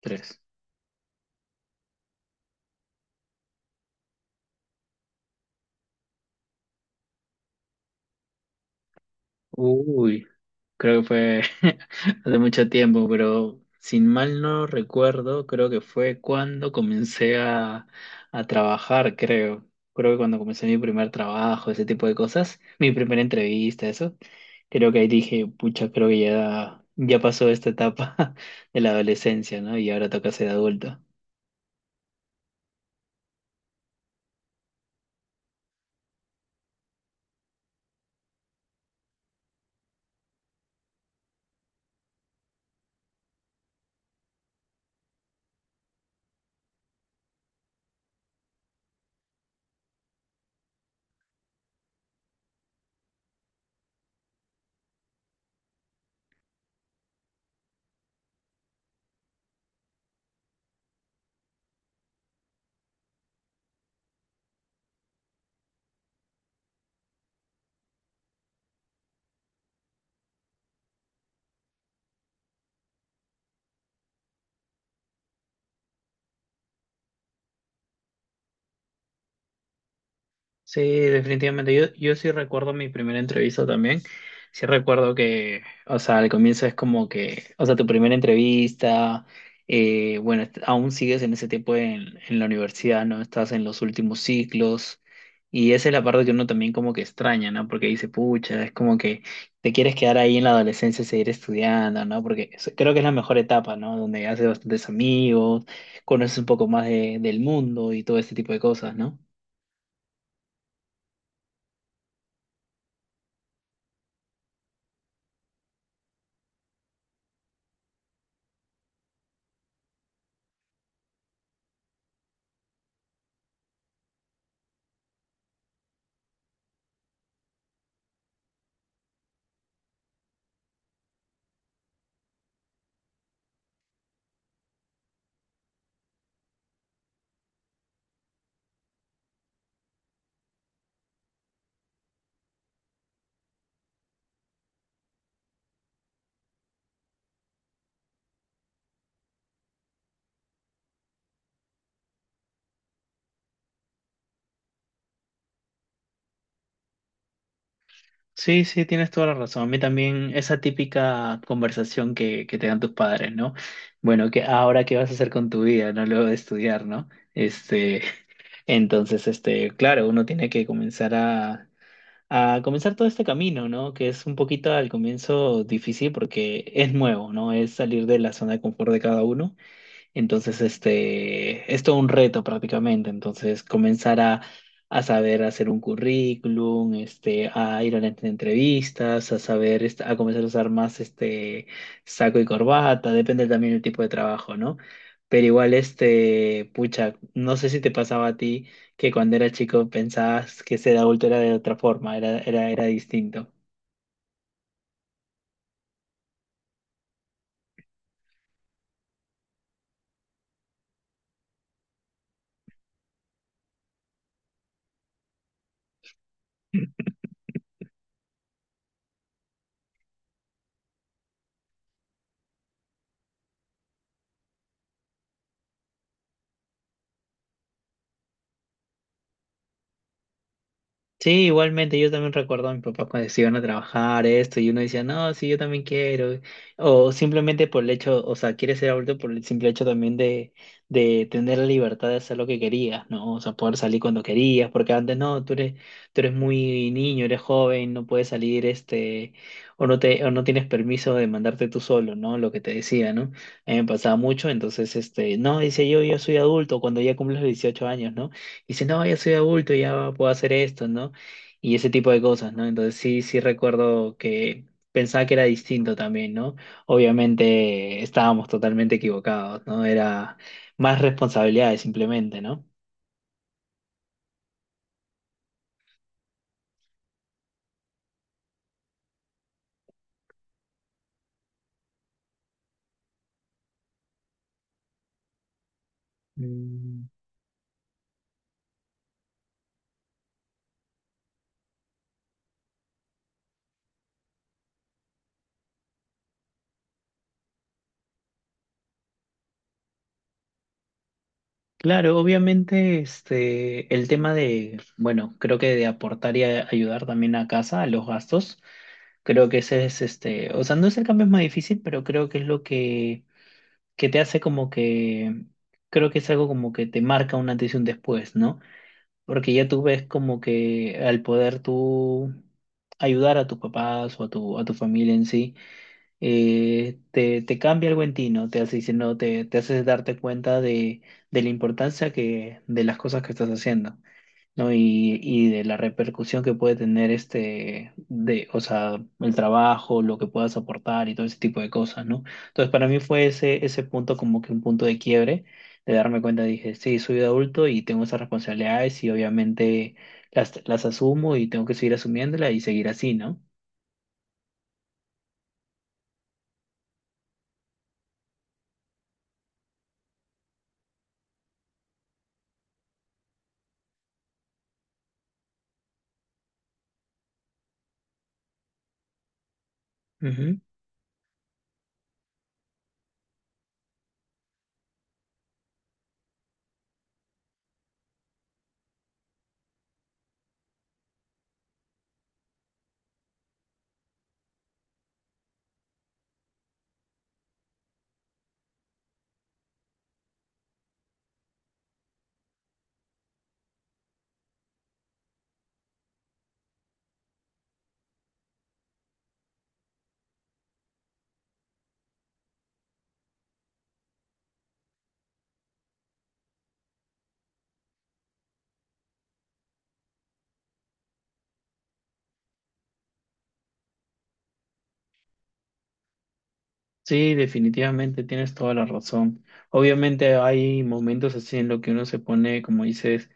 Tres. Uy, creo que fue hace mucho tiempo, pero sin mal no recuerdo, creo que fue cuando comencé a trabajar, creo. Creo que cuando comencé mi primer trabajo, ese tipo de cosas, mi primera entrevista, eso. Creo que ahí dije, pucha, creo que ya pasó esta etapa de la adolescencia, ¿no? Y ahora toca ser adulto. Sí, definitivamente. Yo sí recuerdo mi primera entrevista también. Sí recuerdo que, o sea, al comienzo es como que, o sea, tu primera entrevista, bueno, aún sigues en ese tiempo en la universidad, ¿no? Estás en los últimos ciclos y esa es la parte que uno también como que extraña, ¿no? Porque dice, pucha, es como que te quieres quedar ahí en la adolescencia y seguir estudiando, ¿no? Porque creo que es la mejor etapa, ¿no? Donde haces bastantes amigos, conoces un poco más del mundo y todo este tipo de cosas, ¿no? Sí, sí, tienes toda la razón. A mí también esa típica conversación que te dan tus padres, ¿no? Bueno, que ahora qué vas a hacer con tu vida, ¿no? Luego de estudiar, ¿no? Este, entonces, este, claro, uno tiene que comenzar a comenzar todo este camino, ¿no? Que es un poquito al comienzo difícil porque es nuevo, ¿no? Es salir de la zona de confort de cada uno. Entonces, este, es todo un reto prácticamente. Entonces, comenzar a saber hacer un currículum, este, a ir a las entrevistas, a saber, este, a comenzar a usar más este saco y corbata, depende también del tipo de trabajo, ¿no? Pero igual, este, pucha, no sé si te pasaba a ti que cuando eras chico pensabas que ser adulto era de otra forma, era distinto. Sí, igualmente, yo también recuerdo a mi papá cuando se iban a trabajar esto y uno decía, no, sí, yo también quiero. O simplemente por el hecho, o sea, quiere ser adulto por el simple hecho también de tener la libertad de hacer lo que querías, ¿no? O sea, poder salir cuando querías, porque antes no, tú eres muy niño, eres joven, no puedes salir, este, o no te, o no tienes permiso de mandarte tú solo, ¿no? Lo que te decía, ¿no? A mí me pasaba mucho, entonces, este, no, dice yo soy adulto cuando ya cumples los 18 años, ¿no? Y dice, no, ya soy adulto, ya puedo hacer esto, ¿no? Y ese tipo de cosas, ¿no? Entonces sí, sí recuerdo que pensaba que era distinto también, ¿no? Obviamente estábamos totalmente equivocados, ¿no? Era más responsabilidades simplemente, ¿no? Mm, Claro, obviamente este, el tema de, bueno, creo que de aportar y ayudar también a casa, a los gastos, creo que ese es, este, o sea, no es el cambio más difícil, pero creo que es lo que te hace como que, creo que es algo como que te marca un antes y un después, ¿no? Porque ya tú ves como que al poder tú ayudar a tus papás o a a tu familia en sí, te cambia algo en ti, ¿no? Te hace diciendo, te haces darte cuenta de la importancia que, de las cosas que estás haciendo. ¿No? Y de la repercusión que puede tener este, de, o sea, el trabajo, lo que puedas aportar y todo ese tipo de cosas, ¿no? Entonces, para mí fue ese punto como que un punto de quiebre, de darme cuenta, dije, sí, soy adulto y tengo esas responsabilidades y obviamente las asumo y tengo que seguir asumiéndolas y seguir así, ¿no? Ujú. Sí, definitivamente tienes toda la razón. Obviamente hay momentos así en los que uno se pone, como dices,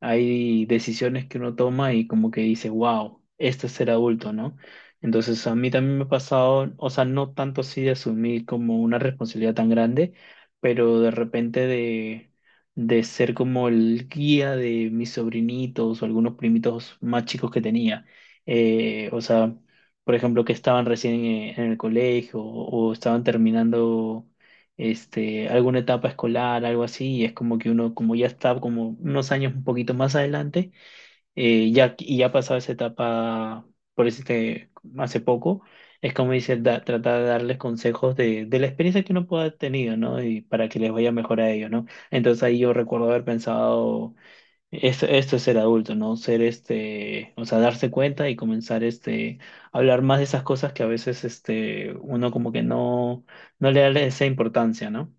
hay decisiones que uno toma y como que dice, wow, esto es ser adulto, ¿no? Entonces a mí también me ha pasado, o sea, no tanto así de asumir como una responsabilidad tan grande, pero de repente de ser como el guía de mis sobrinitos o algunos primitos más chicos que tenía. O sea, por ejemplo, que estaban recién en el colegio o estaban terminando este, alguna etapa escolar, algo así, y es como que uno, como ya está como unos años un poquito más adelante, ya, y ya ha pasado esa etapa, por este, hace poco, es como dice, tratar de darles consejos de la experiencia que uno pueda haber tenido, ¿no? Y para que les vaya mejor a ellos, ¿no? Entonces ahí yo recuerdo haber pensado... esto es ser adulto, ¿no? Ser este, o sea, darse cuenta y comenzar este, a hablar más de esas cosas que a veces este, uno como que no, no le da esa importancia, ¿no?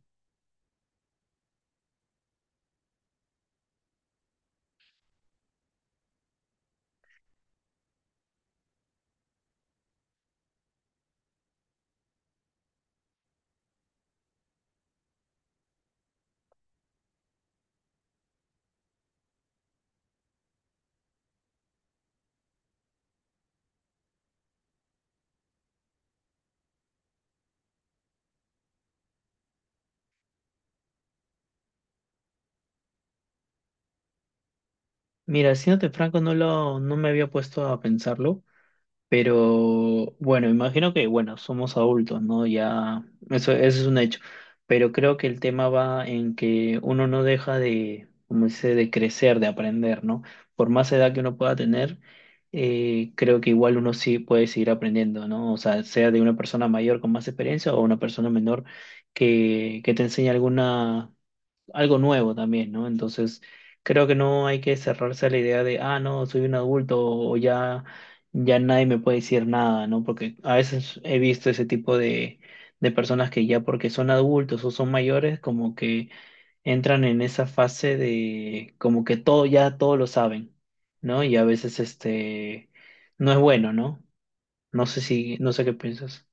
Mira, siéndote franco, no me había puesto a pensarlo. Pero bueno, imagino que, bueno, somos adultos, ¿no? Ya, eso es un hecho. Pero creo que el tema va en que uno no deja de, como dice, de crecer, de aprender, ¿no? Por más edad que uno pueda tener, creo que igual uno sí puede seguir aprendiendo, ¿no? O sea, sea de una persona mayor con más experiencia o una persona menor que te enseñe alguna algo nuevo también, ¿no? Entonces, creo que no hay que cerrarse a la idea de, ah, no, soy un adulto o ya, ya nadie me puede decir nada, ¿no? Porque a veces he visto ese tipo de personas que ya porque son adultos o son mayores, como que entran en esa fase de, como que todo, ya todo lo saben, ¿no? Y a veces este, no es bueno, ¿no? No sé si, no sé qué piensas.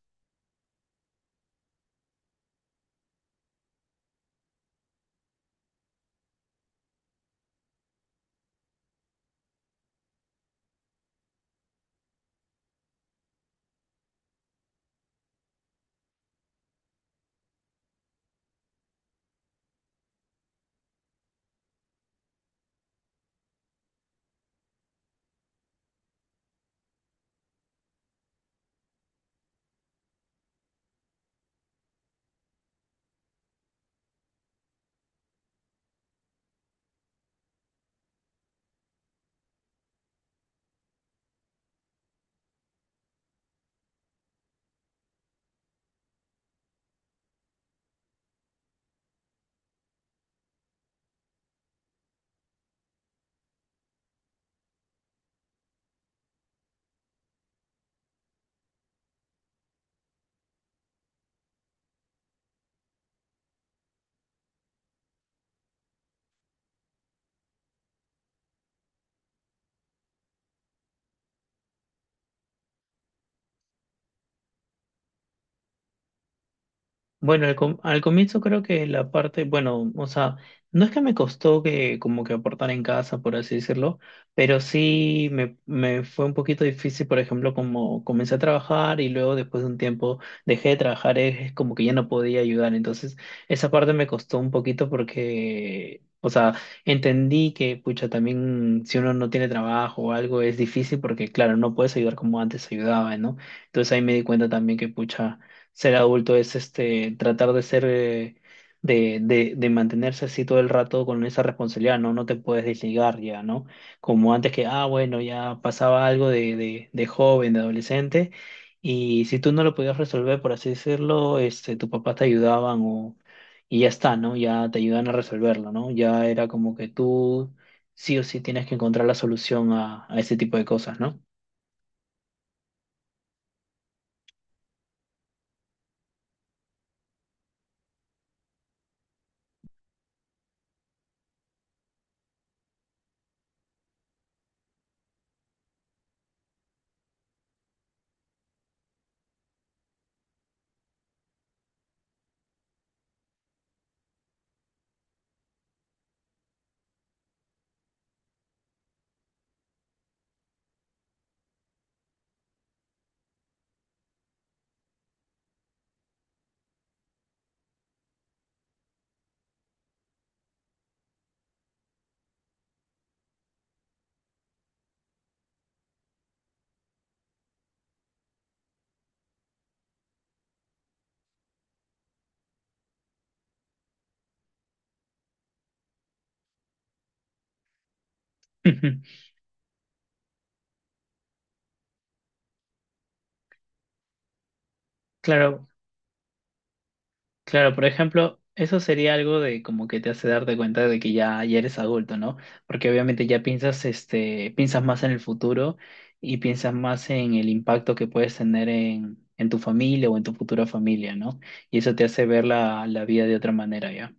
Bueno, al, al comienzo creo que la parte, bueno, o sea, no es que me costó que como que aportar en casa, por así decirlo, pero sí me fue un poquito difícil, por ejemplo, como comencé a trabajar y luego después de un tiempo dejé de trabajar, es como que ya no podía ayudar, entonces esa parte me costó un poquito porque, o sea, entendí que, pucha, también si uno no tiene trabajo o algo es difícil porque, claro, no puedes ayudar como antes ayudaba, ¿no? Entonces ahí me di cuenta también que, pucha ser adulto es este tratar de ser de mantenerse así todo el rato con esa responsabilidad, ¿no? No te puedes desligar ya, ¿no? Como antes que, ah, bueno, ya pasaba algo de joven, de adolescente, y si tú no lo podías resolver, por así decirlo, este, tus papás te ayudaban o, y ya está, ¿no? Ya te ayudan a resolverlo, ¿no? Ya era como que tú sí o sí tienes que encontrar la solución a ese tipo de cosas, ¿no? Claro, claro, por ejemplo, eso sería algo de como que te hace darte cuenta de que ya, ya eres adulto, ¿no? Porque obviamente ya piensas, este, piensas más en el futuro y piensas más en el impacto que puedes tener en tu familia o en tu futura familia, ¿no? Y eso te hace ver la vida de otra manera, ¿ya?